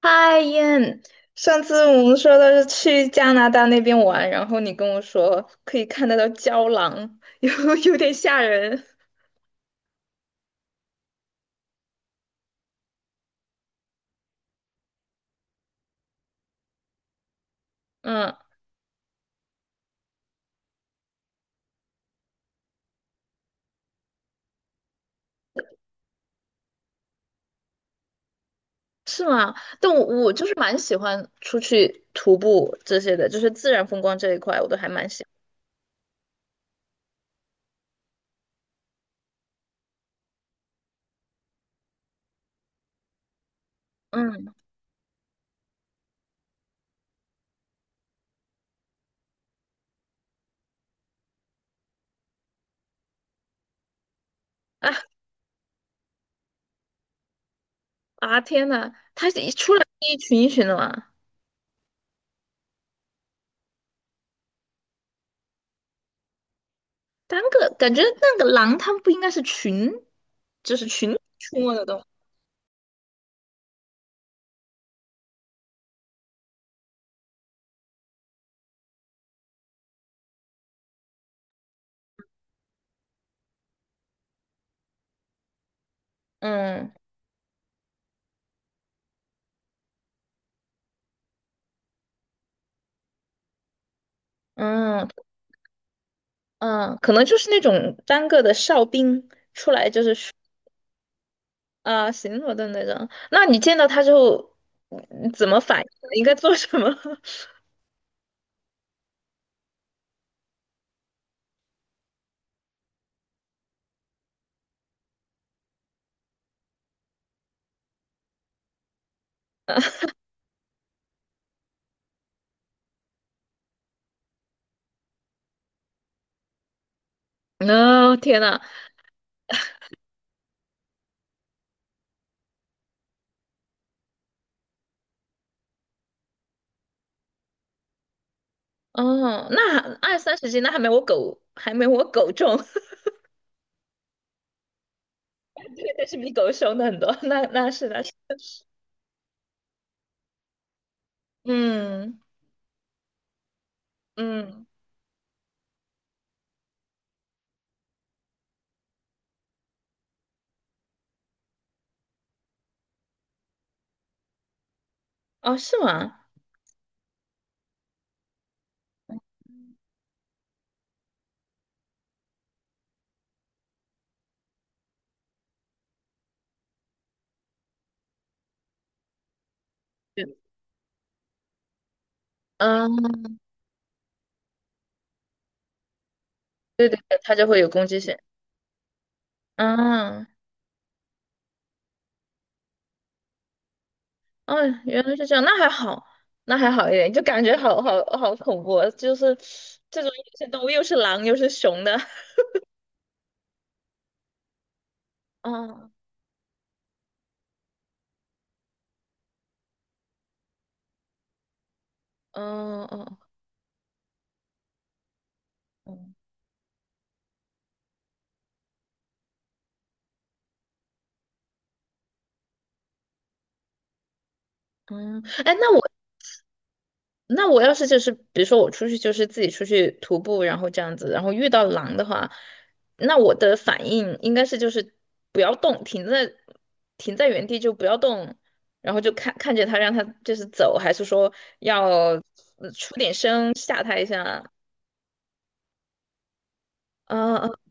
嗨燕，上次我们说的是去加拿大那边玩，然后你跟我说可以看得到郊狼，有点吓人。嗯，是吗？但我就是蛮喜欢出去徒步这些的，就是自然风光这一块，我都还蛮喜欢。嗯。啊啊，天呐，它是一出来一群一群的嘛。单个感觉那个狼它们不应该是群，就是群出没的动物。嗯嗯。嗯，可能就是那种单个的哨兵出来，就是啊、巡逻的那种。那你见到他之后，怎么反应？应该做什么？哦，天呐。哦，那二三十斤，那还没我狗重。但是比狗凶的很多。那那是的。嗯嗯。哦，是吗？嗯，对对对，它就会有攻击性。嗯。嗯，原来是这样，那还好一点，就感觉好恐怖啊，就是这种野生动物又是狼又是熊的。哦。哦哦哦。嗯。哎，那我要是就是比如说我出去就是自己出去徒步，然后这样子，然后遇到狼的话，那我的反应应该是就是不要动，停在原地就不要动，然后就看着它让它就是走，还是说要出点声吓它一下？嗯嗯。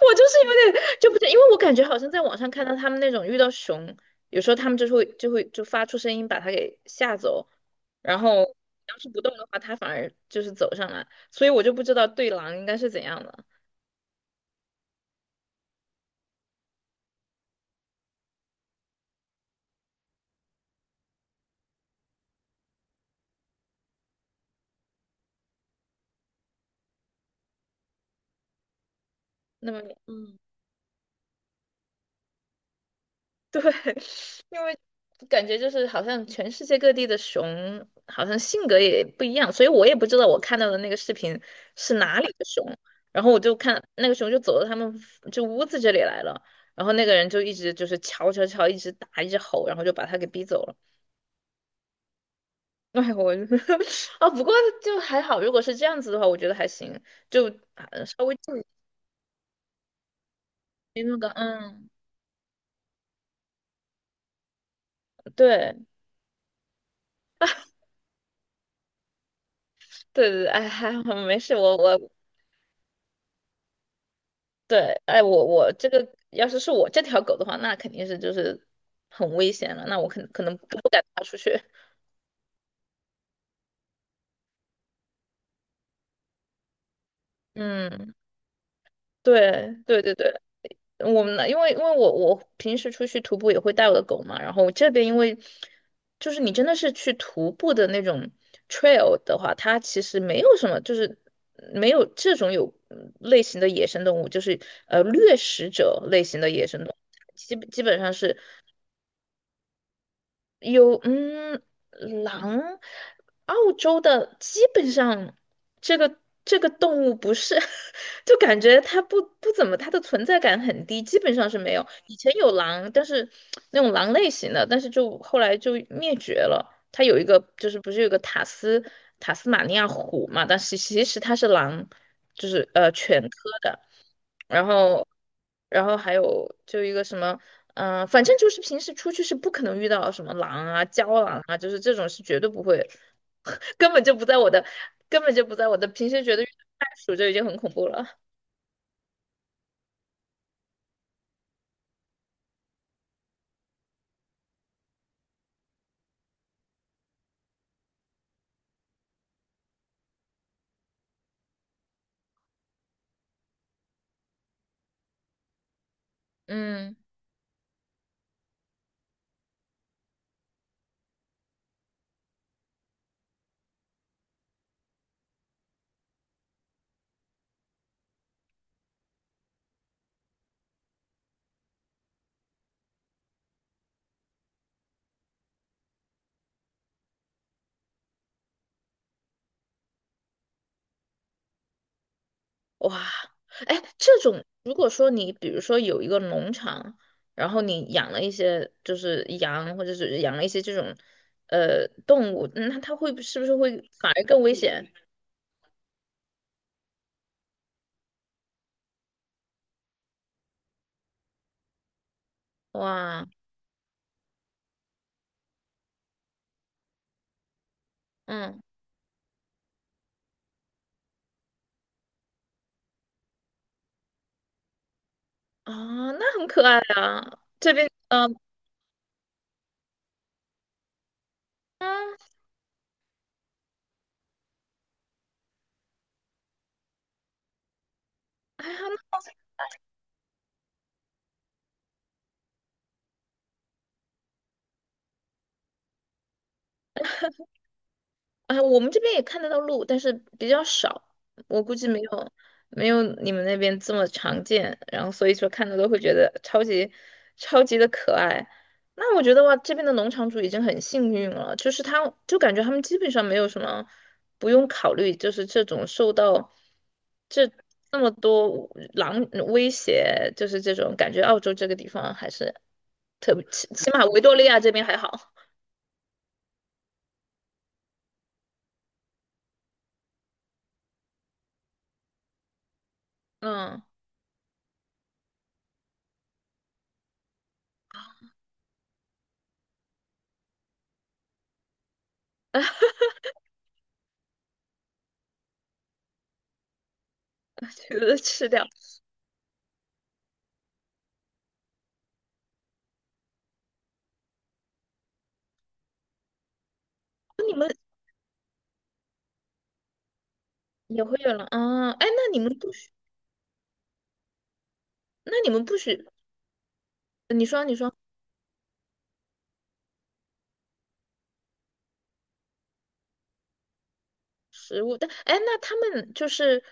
我就是有点就不是，因为我感觉好像在网上看到他们那种遇到熊，有时候他们就会发出声音把它给吓走，然后要是不动的话，它反而就是走上来，所以我就不知道对狼应该是怎样的。那么，嗯，对，因为感觉就是好像全世界各地的熊好像性格也不一样，所以我也不知道我看到的那个视频是哪里的熊。然后我就看那个熊就走到他们就屋子这里来了，然后那个人就一直就是敲敲敲，一直打，一直吼，然后就把他给逼走了。哎，我 啊，不过就还好，如果是这样子的话，我觉得还行，就啊稍微注意那个，嗯，对对对。哎，还好没事，我对。哎，我这个要是我这条狗的话，那肯定是就是很危险了，那我可能不敢踏出去。嗯。对对对对。我们呢，因为我平时出去徒步也会带我的狗嘛，然后这边因为就是你真的是去徒步的那种 trail 的话，它其实没有什么，就是没有这种有类型的野生动物，就是掠食者类型的野生动物，基本上是。有，嗯，狼，澳洲的基本上这个这个动物不是，就感觉它不怎么，它的存在感很低，基本上是没有。以前有狼，但是那种狼类型的，但是就后来就灭绝了。它有一个就是不是有个塔斯马尼亚虎嘛，但是其实它是狼，就是犬科的。然后，然后还有就一个什么，反正就是平时出去是不可能遇到什么狼啊、郊狼啊，就是这种是绝对不会。根本就不在我的，根本就不在我的。平时觉得遇到袋鼠就已经很恐怖了。嗯。哇。哎，这种如果说你比如说有一个农场，然后你养了一些就是羊或者是养了一些这种动物，那它会是不是会反而更危险？哇。嗯。啊，那很可爱啊。这边，嗯，还好呢。哎，我们这边也看得到鹿，但是比较少，我估计没有你们那边这么常见。然后所以说看到都会觉得超级超级的可爱。那我觉得哇，这边的农场主已经很幸运了，就是他就感觉他们基本上没有什么不用考虑，就是这种受到这这么多狼威胁，就是这种感觉澳洲这个地方还是。起码维多利亚这边还好。嗯。觉得吃掉。你们也会有人啊？哎，那你们不许。你说食物，但哎，那他们就是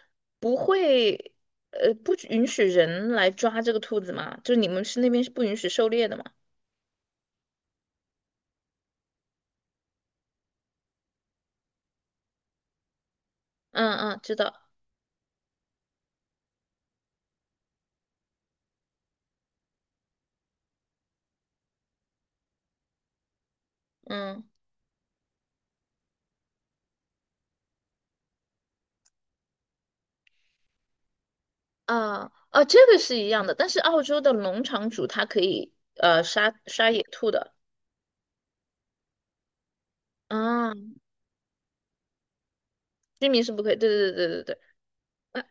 不会，不许允许人来抓这个兔子吗？就是你们是那边是不允许狩猎的吗？嗯嗯，知道。嗯。啊啊，这个是一样的，但是澳洲的农场主他可以杀野兔的。啊，居民是不可以，对对对对对对。啊，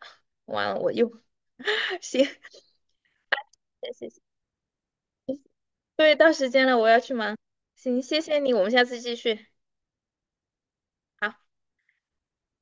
完了我又 行，谢谢。对，到时间了，我要去忙。行，谢谢你，我们下次继续。好。